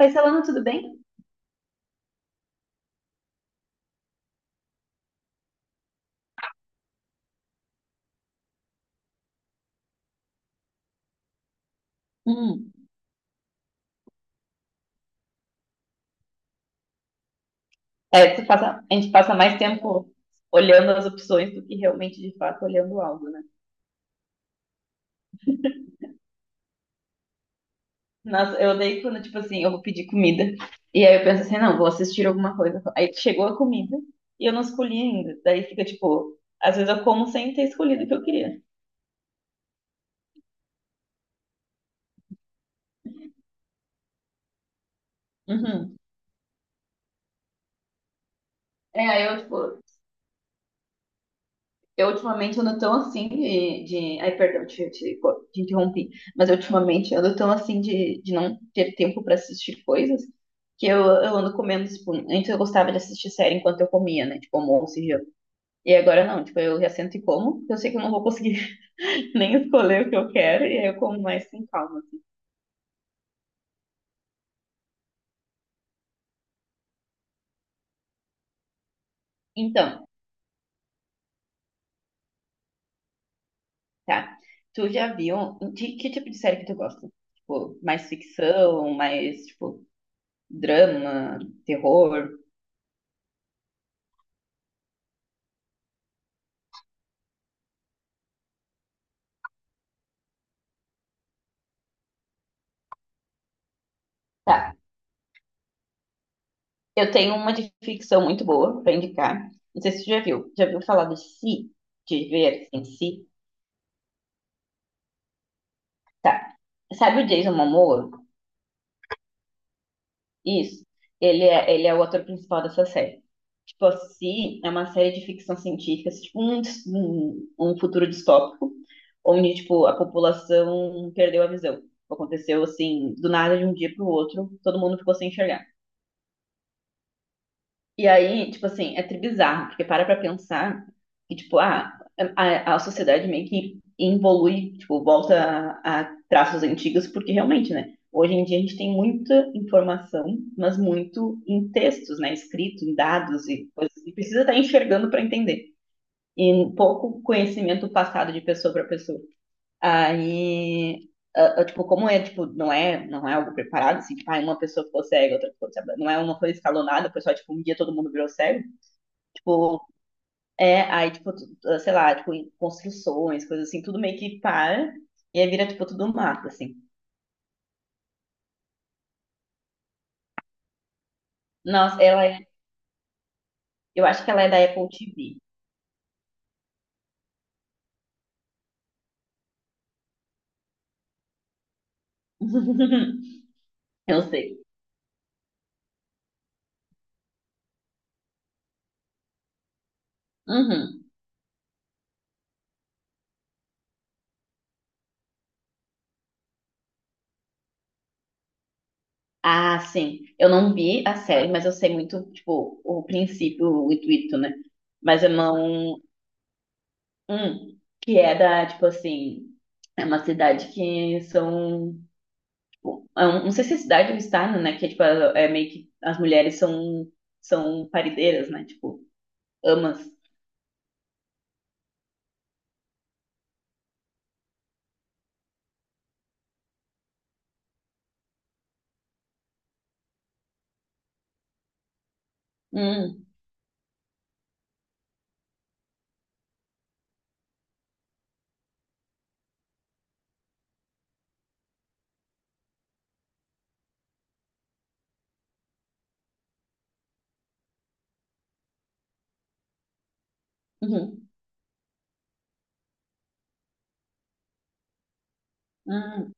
Oi, Solano, tudo bem? Hum. É, a gente passa mais tempo olhando as opções do que realmente, de fato, olhando algo, né? Nossa, eu odeio quando, tipo assim, eu vou pedir comida. E aí eu penso assim, não, vou assistir alguma coisa. Aí chegou a comida e eu não escolhi ainda. Daí fica, tipo, às vezes eu como sem ter escolhido o que eu queria. Uhum. É, aí eu, tipo, eu ultimamente ando tão assim Ai, perdão, te interrompi. Mas eu, ultimamente ando tão assim de não ter tempo pra assistir coisas que eu ando comendo, tipo, antes eu gostava de assistir série enquanto eu comia, né? Tipo, almoço e janta. E agora não, tipo, eu já sento e como, porque eu sei que eu não vou conseguir nem escolher o que eu quero, e aí eu como mais sem calma, assim. Então, tá. Tu já viu, que tipo de série que tu gosta? Tipo, mais ficção, mais, tipo, drama, terror? Tá. Eu tenho uma de ficção muito boa para indicar. Não sei se você já viu. Já viu falar de Si? De ver em Si? Tá. Sabe o Jason Momoa? Isso. Ele é o ator principal dessa série. Tipo, a Si é uma série de ficção científica, assim, tipo um futuro distópico, onde, tipo, a população perdeu a visão. Aconteceu, assim, do nada, de um dia pro outro, todo mundo ficou sem enxergar. E aí, tipo assim, é tribizarro, porque para pra pensar que, tipo, a sociedade meio que evolui, tipo, volta a traços antigos, porque realmente, né? Hoje em dia a gente tem muita informação, mas muito em textos, né? Escrito, em dados e coisas. E precisa estar enxergando para entender. E pouco conhecimento passado de pessoa para pessoa. Aí, tipo, como é, tipo, não é algo preparado, assim, tipo, uma pessoa ficou cega, outra ficou cega. Não é uma coisa escalonada, o pessoal, tipo, um dia todo mundo virou cego. Tipo, é, aí, tipo, sei lá, tipo, construções, coisas assim, tudo meio que para. E aí vira, tipo, tudo mato, assim. Nossa, eu acho que ela é da Apple TV. Eu sei. Uhum. Ah, sim. Eu não vi a série, mas eu sei muito, tipo, o princípio, o intuito, né? Mas eu não. Que é da, tipo assim. É uma cidade que são. Tipo, não sei se é cidade ou estado, né? Que é, tipo, é meio que as mulheres são parideiras, né? Tipo, amas. Hum, uhum, hum.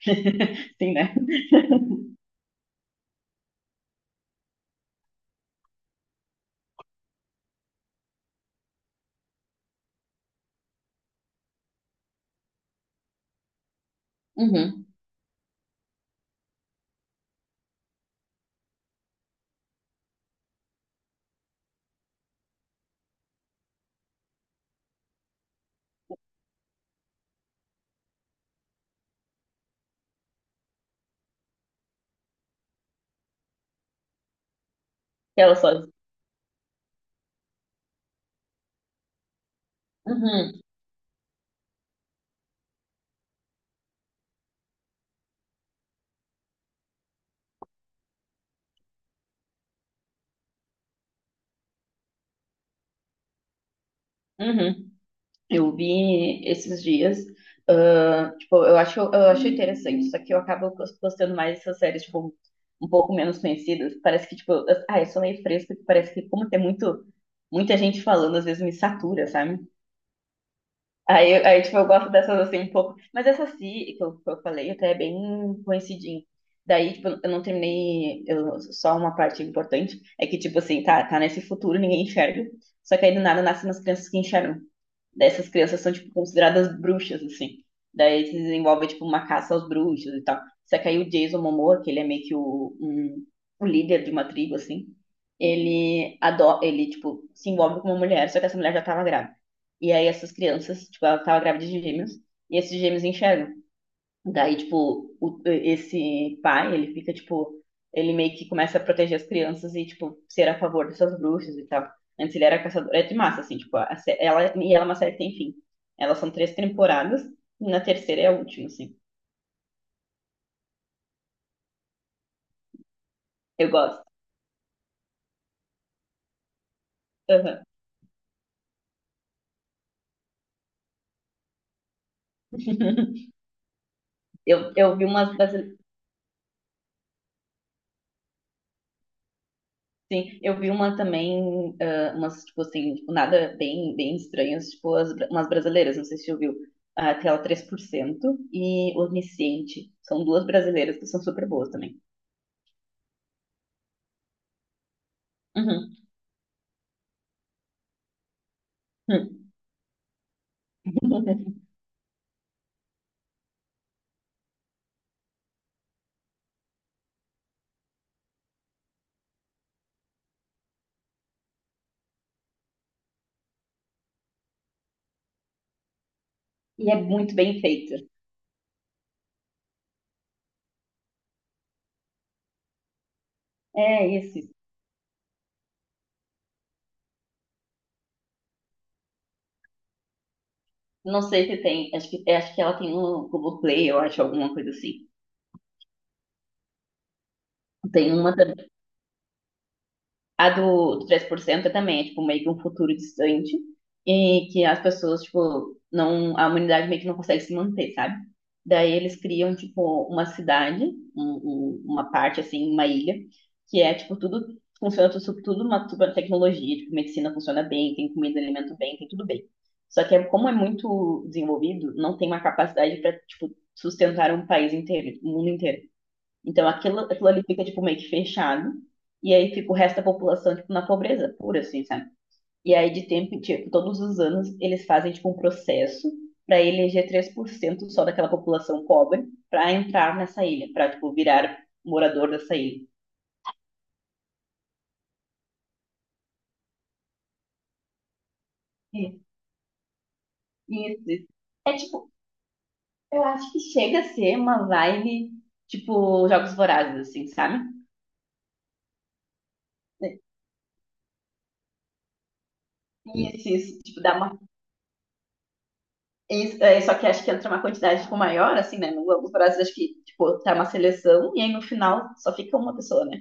Sim, né? Uhum. Ela só. Uhum, uhum. Eu vi esses dias. Tipo, eu acho interessante, só que eu acabo gostando mais dessas séries, tipo, um pouco menos conhecidas. Parece que, tipo, eu sou meio fresca, que parece que como tem muito, muita gente falando, às vezes me satura, sabe? Tipo, eu gosto dessas assim um pouco. Mas essa si, que eu falei, até é bem coincidinho. Daí, tipo, eu não terminei. Eu, só uma parte importante é que, tipo assim, tá nesse futuro, ninguém enxerga. Só que aí do nada nascem umas crianças que enxergam. Daí essas crianças são, tipo, consideradas bruxas, assim. Daí se desenvolve, tipo, uma caça aos bruxos e tal. Só que aí o Jason Momoa, que ele é meio que o líder de uma tribo, assim. Ele tipo, se envolve com uma mulher, só que essa mulher já tava grávida. E aí essas crianças, tipo, ela tava grávida de gêmeos, e esses gêmeos enxergam. Daí, tipo, esse pai, ele fica, tipo, ele meio que começa a proteger as crianças e, tipo, ser a favor dessas bruxas e tal. Antes ele era caçador, é de massa, assim, tipo, e ela é uma série que tem fim. Elas são três temporadas, e na terceira é a última, assim. Eu gosto. Aham. Eu vi umas das. Sim, eu vi uma também, umas, tipo assim, tipo, nada bem, bem estranhas, tipo umas brasileiras, não sei se você ouviu. Ah, aquela 3% e Onisciente, são duas brasileiras que são super boas também. Uhum. E é muito bem feito. É esse. Não sei se tem, acho que ela tem no Globoplay, eu acho, alguma coisa assim. Tem uma A do 3% também é, tipo, meio que um futuro distante e que as pessoas, tipo, não, a humanidade meio que não consegue se manter, sabe? Daí eles criam, tipo, uma cidade, uma parte, assim, uma ilha, que é, tipo, tudo, funciona tudo uma super tecnologia, tipo, medicina funciona bem, tem comida, alimento bem, tem tudo bem. Só que como é muito desenvolvido, não tem uma capacidade para, tipo, sustentar um país inteiro, um mundo inteiro. Então aquilo ali fica tipo meio que fechado. E aí fica o resto da população tipo na pobreza pura, assim, sabe? E aí de tempo, em tipo, todos os anos eles fazem tipo um processo para eleger 3% só daquela população pobre para entrar nessa ilha, para tipo virar morador dessa ilha. Isso, isso. É tipo, eu acho que chega a ser uma vibe tipo Jogos Vorazes, assim, sabe? Isso, tipo, dá uma. Isso, é, só que acho que entra uma quantidade tipo, maior, assim, né? No Globo Brasil, acho que, tipo, tá uma seleção e aí no final só fica uma pessoa, né?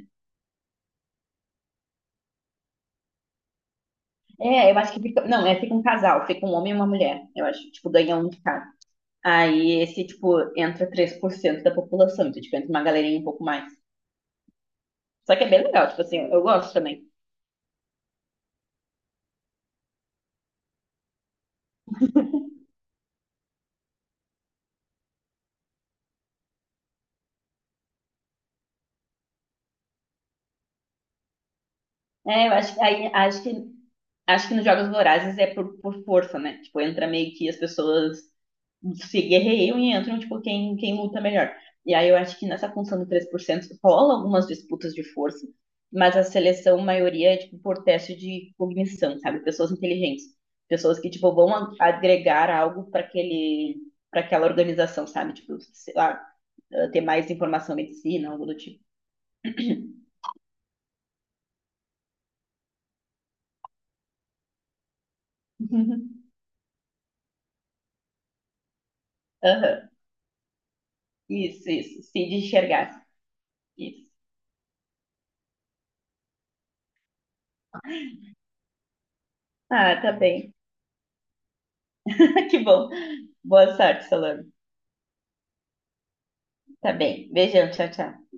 É, eu acho que fica. Não, é, fica um casal, fica um homem e uma mulher. Eu acho, tipo, ganha um de cada. Aí esse, tipo, entra 3% da população, então, tipo, entra uma galerinha um pouco mais. Só que é bem legal, tipo assim, eu gosto também. É, eu acho que nos Jogos Vorazes é por força, né? Tipo, entra meio que as pessoas se guerreiam e entram, tipo, quem luta melhor. E aí eu acho que nessa função do 3% rola algumas disputas de força, mas a seleção, maioria, é, tipo, por teste de cognição, sabe? Pessoas inteligentes. Pessoas que, tipo, vão agregar algo para aquela organização, sabe? Tipo, sei lá, ter mais informação em medicina, algo do tipo. Aham. Isso, isso. Se de enxergar. Isso. Ah, tá bem. Que bom. Boa sorte, Solano. Tá bem. Beijão, tchau, tchau.